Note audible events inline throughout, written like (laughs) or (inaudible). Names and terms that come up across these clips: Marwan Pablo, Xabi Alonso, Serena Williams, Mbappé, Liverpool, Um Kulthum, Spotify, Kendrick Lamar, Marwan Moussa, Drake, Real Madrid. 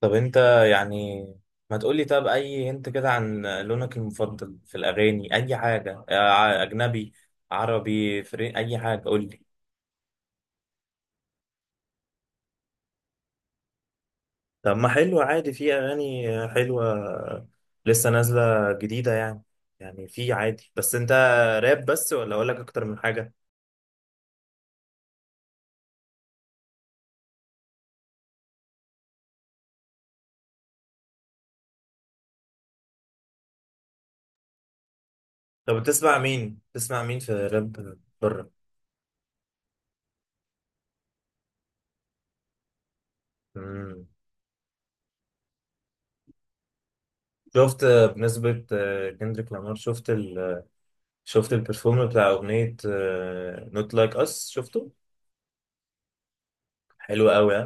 طب انت، يعني ما تقولي طب اي انت كده عن لونك المفضل في الاغاني؟ اي حاجه، اجنبي، عربي، فري، اي حاجه قولي. طب ما حلو، عادي في اغاني حلوه لسه نازله جديده يعني. يعني في عادي، بس انت راب بس ولا اقول لك اكتر من حاجه؟ طب بتسمع مين، بتسمع مين في راب بره؟ امم. شفت بنسبه، كندريك لامار، شفت ال... شفت البرفورم بتاع اغنيه نوت لايك اس؟ شفته؟ حلو قوي، ها.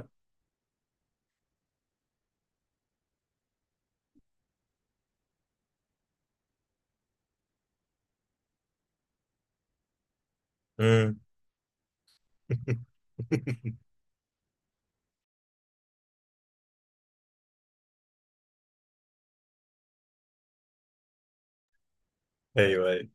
امم. (laughs) ايوه ايوه،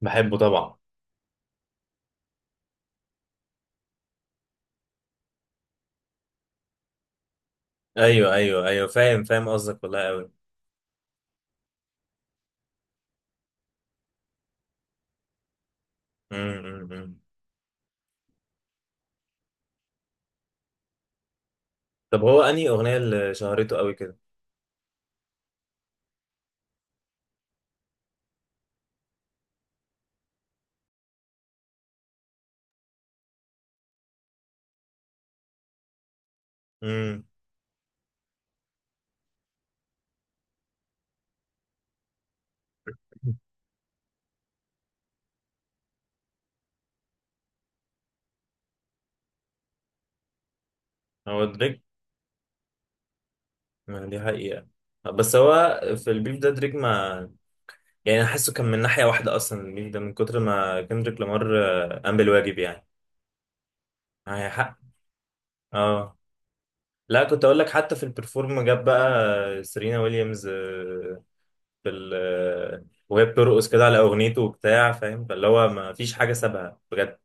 بحبه طبعا. ايوه ايوه ايوه، فاهم فاهم قصدك، والله قوي. امم. طب هو انهي اغنيه اللي شهرته قوي كده؟ امم. هو دريك، ما دي حقيقه، بس هو في البيف ده دريك ما، يعني انا حاسه كان من ناحيه واحده اصلا البيف ده، من كتر ما كندريك لامار قام بالواجب يعني. معايا حق؟ اه. لا، كنت اقول لك حتى في البرفورم جاب بقى سيرينا ويليامز في ال، وهي بترقص كده على اغنيته وبتاع، فاهم؟ فاللي هو ما فيش حاجه سابها بجد.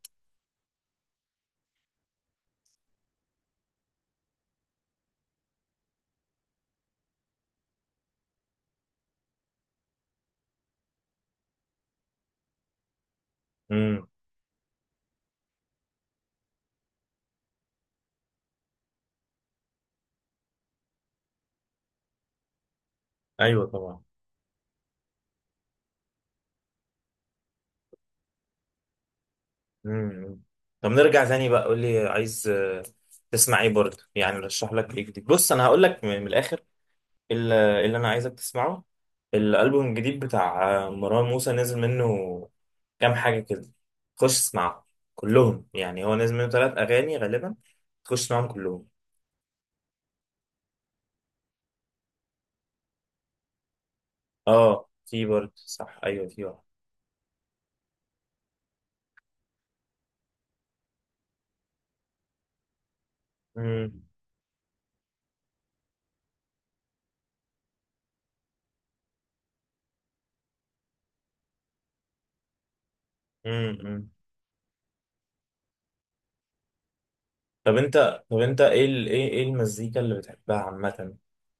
امم. ايوه طبعا. امم. طب نرجع تاني بقى، قول لي عايز تسمع ايه برضه يعني؟ رشح لك ايه جديد. بص انا هقول لك من الاخر اللي انا عايزك تسمعه. الالبوم الجديد بتاع مروان موسى نزل منه كام حاجه كده، خش اسمعهم كلهم. يعني هو نزل منه ثلاث اغاني غالبا، خش اسمعهم كلهم. اه في برضه صح، ايوه في واحد. امم. طب انت ايه ال... ايه ايه المزيكا اللي بتحبها عامة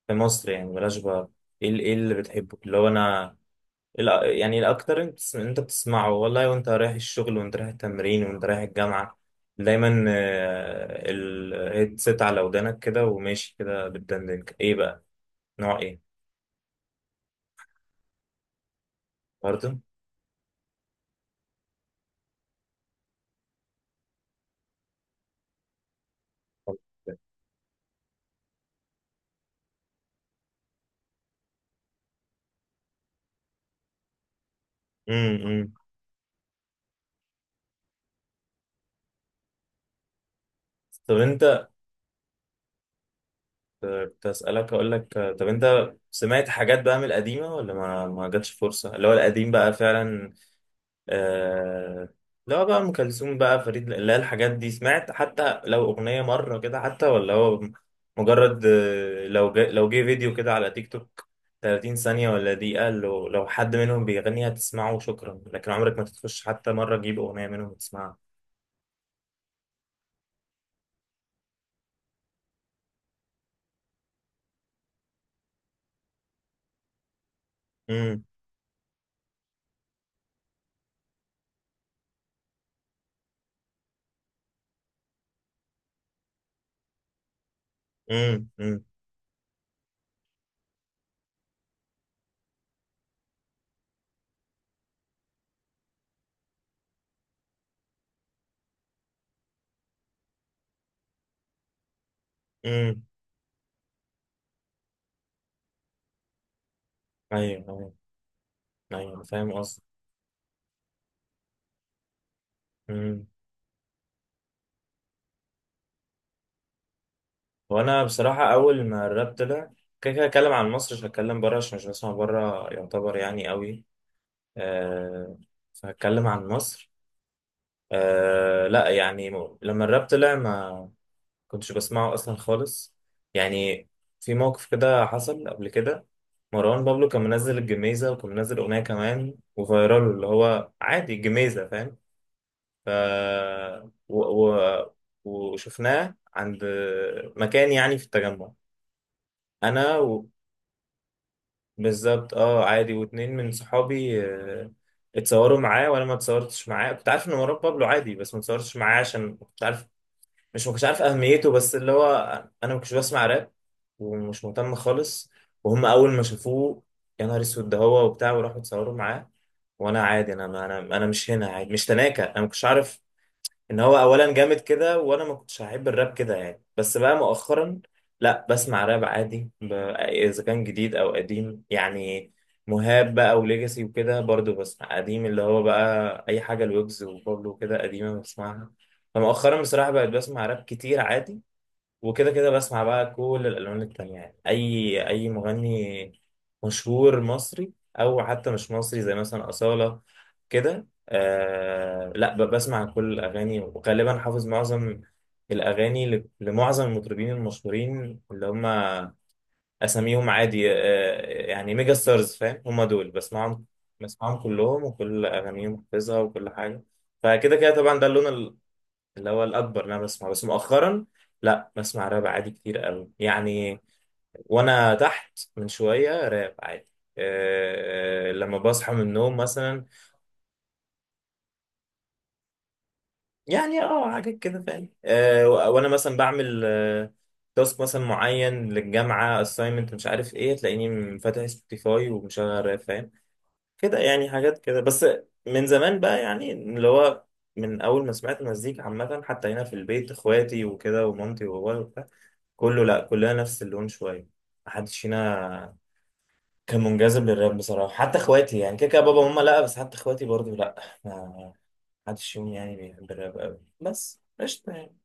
في مصر يعني؟ بلاش بقى ايه ال... ايه اللي بتحبه، اللي هو انا ال... يعني الاكتر انت انت بتسمعه، والله، وانت رايح الشغل وانت رايح التمرين وانت رايح الجامعة، دايما الهيدسيت على ودانك كده وماشي كده، بتدندن ايه بقى؟ نوع ايه؟ برضه. امم. طب انت، كنت اسالك اقول لك طب انت سمعت حاجات بقى من القديمه ولا ما جاتش فرصه اللي هو القديم بقى فعلا؟ آه. لا بقى، ام كلثوم بقى، فريد، لا الحاجات دي سمعت حتى لو اغنيه مره كده، حتى، ولا هو مجرد لو جه، لو جه فيديو كده على تيك توك 30 ثانيه ولا دقيقه، لو حد منهم بيغني هتسمعه وشكرا، لكن عمرك ما تخش حتى مره تجيب اغنيه منهم وتسمعها. امم. امم. امم. امم. ايوه ايوه ايوه، أنا فاهم قصدي. امم. وانا بصراحه، اول ما الراب طلع كده كده اتكلم عن مصر، مش هتكلم بره عشان مش بسمع بره يعتبر يعني قوي، آه، فهتكلم عن مصر. لا يعني، لما الراب طلع ما كنتش بسمعه اصلا خالص يعني. في موقف كده حصل قبل كده. مروان بابلو كان منزل الجميزة، وكان منزل أغنية كمان وفيرال اللي هو عادي الجميزة، فاهم؟ ف و... و... وشفناه عند مكان يعني في التجمع. أنا بالظبط، اه، عادي، واتنين من صحابي اتصوروا معاه، وانا ما اتصورتش معاه. كنت عارف ان مروان بابلو عادي، بس ما اتصورتش معاه عشان كنت عارف، مش ما كنتش عارف اهميته، بس اللي هو انا ما كنتش بسمع راب ومش مهتم خالص. وهم اول ما شافوه، يا نهار اسود ده هو وبتاع، وراحوا اتصوروا معاه. وانا عادي، انا مش هنا، عادي، مش تناكة، انا ما كنتش عارف ان هو اولا جامد كده، وانا ما كنتش هحب الراب كده يعني. بس بقى مؤخرا لا، بسمع راب عادي، اذا كان جديد او قديم يعني. مهاب بقى، وليجاسي، وكده. برضو بسمع قديم اللي هو بقى، اي حاجه، الويجز وبابلو وكده قديمه بسمعها. فمؤخرا بصراحه بقيت بسمع راب كتير عادي، وكده كده بسمع بقى كل الالوان التانية يعني، اي اي مغني مشهور مصري او حتى مش مصري، زي مثلا اصالة كده. آه لا، بسمع كل الاغاني، وغالبا حافظ معظم الاغاني لمعظم المطربين المشهورين اللي هم اساميهم عادي، آه يعني ميجا ستارز، فاهم؟ هم دول بسمعهم، بسمعهم كلهم وكل اغانيهم حافظها وكل حاجة. فكده كده طبعا ده اللون اللي هو الأكبر إن أنا بسمعه. بس مؤخرا لا، بسمع راب عادي كتير قوي يعني. وأنا تحت من شوية راب عادي، أه، لما بصحى من النوم مثلا، يعني اه حاجات كده، فاهم؟ أه، وأنا مثلا بعمل تاسك مثلا معين للجامعة assignment مش عارف ايه، تلاقيني فاتح سبوتيفاي ومشغل راب، فاهم؟ كده يعني، حاجات كده. بس من زمان بقى يعني، اللي هو من أول ما سمعت مزيكا عامة حتى هنا في البيت، إخواتي وكده ومامتي وبابايا وبتاع، كله لا، كلنا نفس اللون شويه، محدش فينا كان منجذب للراب بصراحه. حتى اخواتي يعني، كده كده بابا وماما لا، بس حتى اخواتي برضو لا، ما حدش فيهم يعني بيحب الراب قوي. بس قشطه يعني.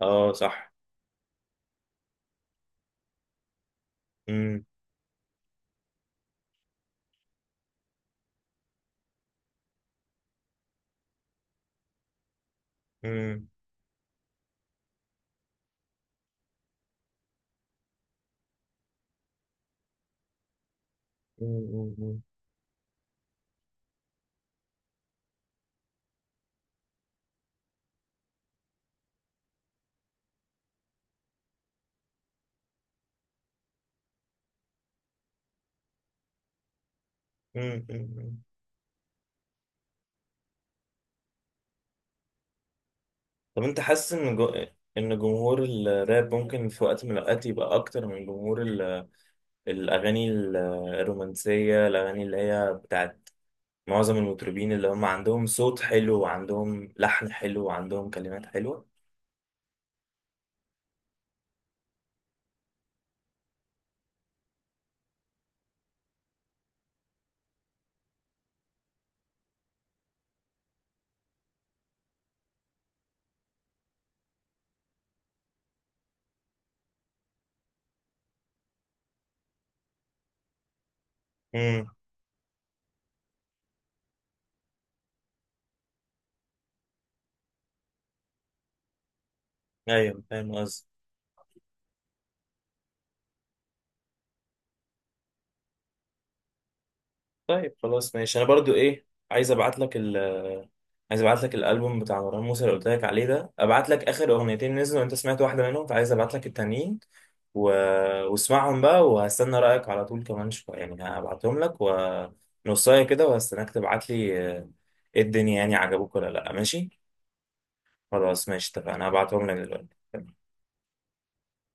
اه صح. مم. مم. مم. مم. مم. مم. طب انت حاسس ان جو... ان جمهور الراب ممكن في وقت من الاوقات يبقى اكتر من جمهور ال... الاغاني الرومانسيه، الاغاني اللي هي بتاعت معظم المطربين اللي هم عندهم صوت حلو وعندهم لحن حلو وعندهم كلمات حلوة؟ امم. ايوه فاهم قصدي. طيب خلاص ماشي. انا برضو ايه، عايز ابعت لك ال، عايز ابعت لك الالبوم بتاع مروان موسى اللي قلت لك عليه ده، ابعت لك اخر اغنيتين نزلوا، وانت سمعت واحدة منهم فعايز ابعت لك التانيين و... واسمعهم بقى، وهستنى رأيك على طول. كمان شوية يعني هبعتهم لك، ونصاية كده، وهستناك تبعت لي ايه الدنيا يعني، عجبوك ولا لا. ماشي. خلاص ماشي، اتفقنا، هبعتهم لك دلوقتي.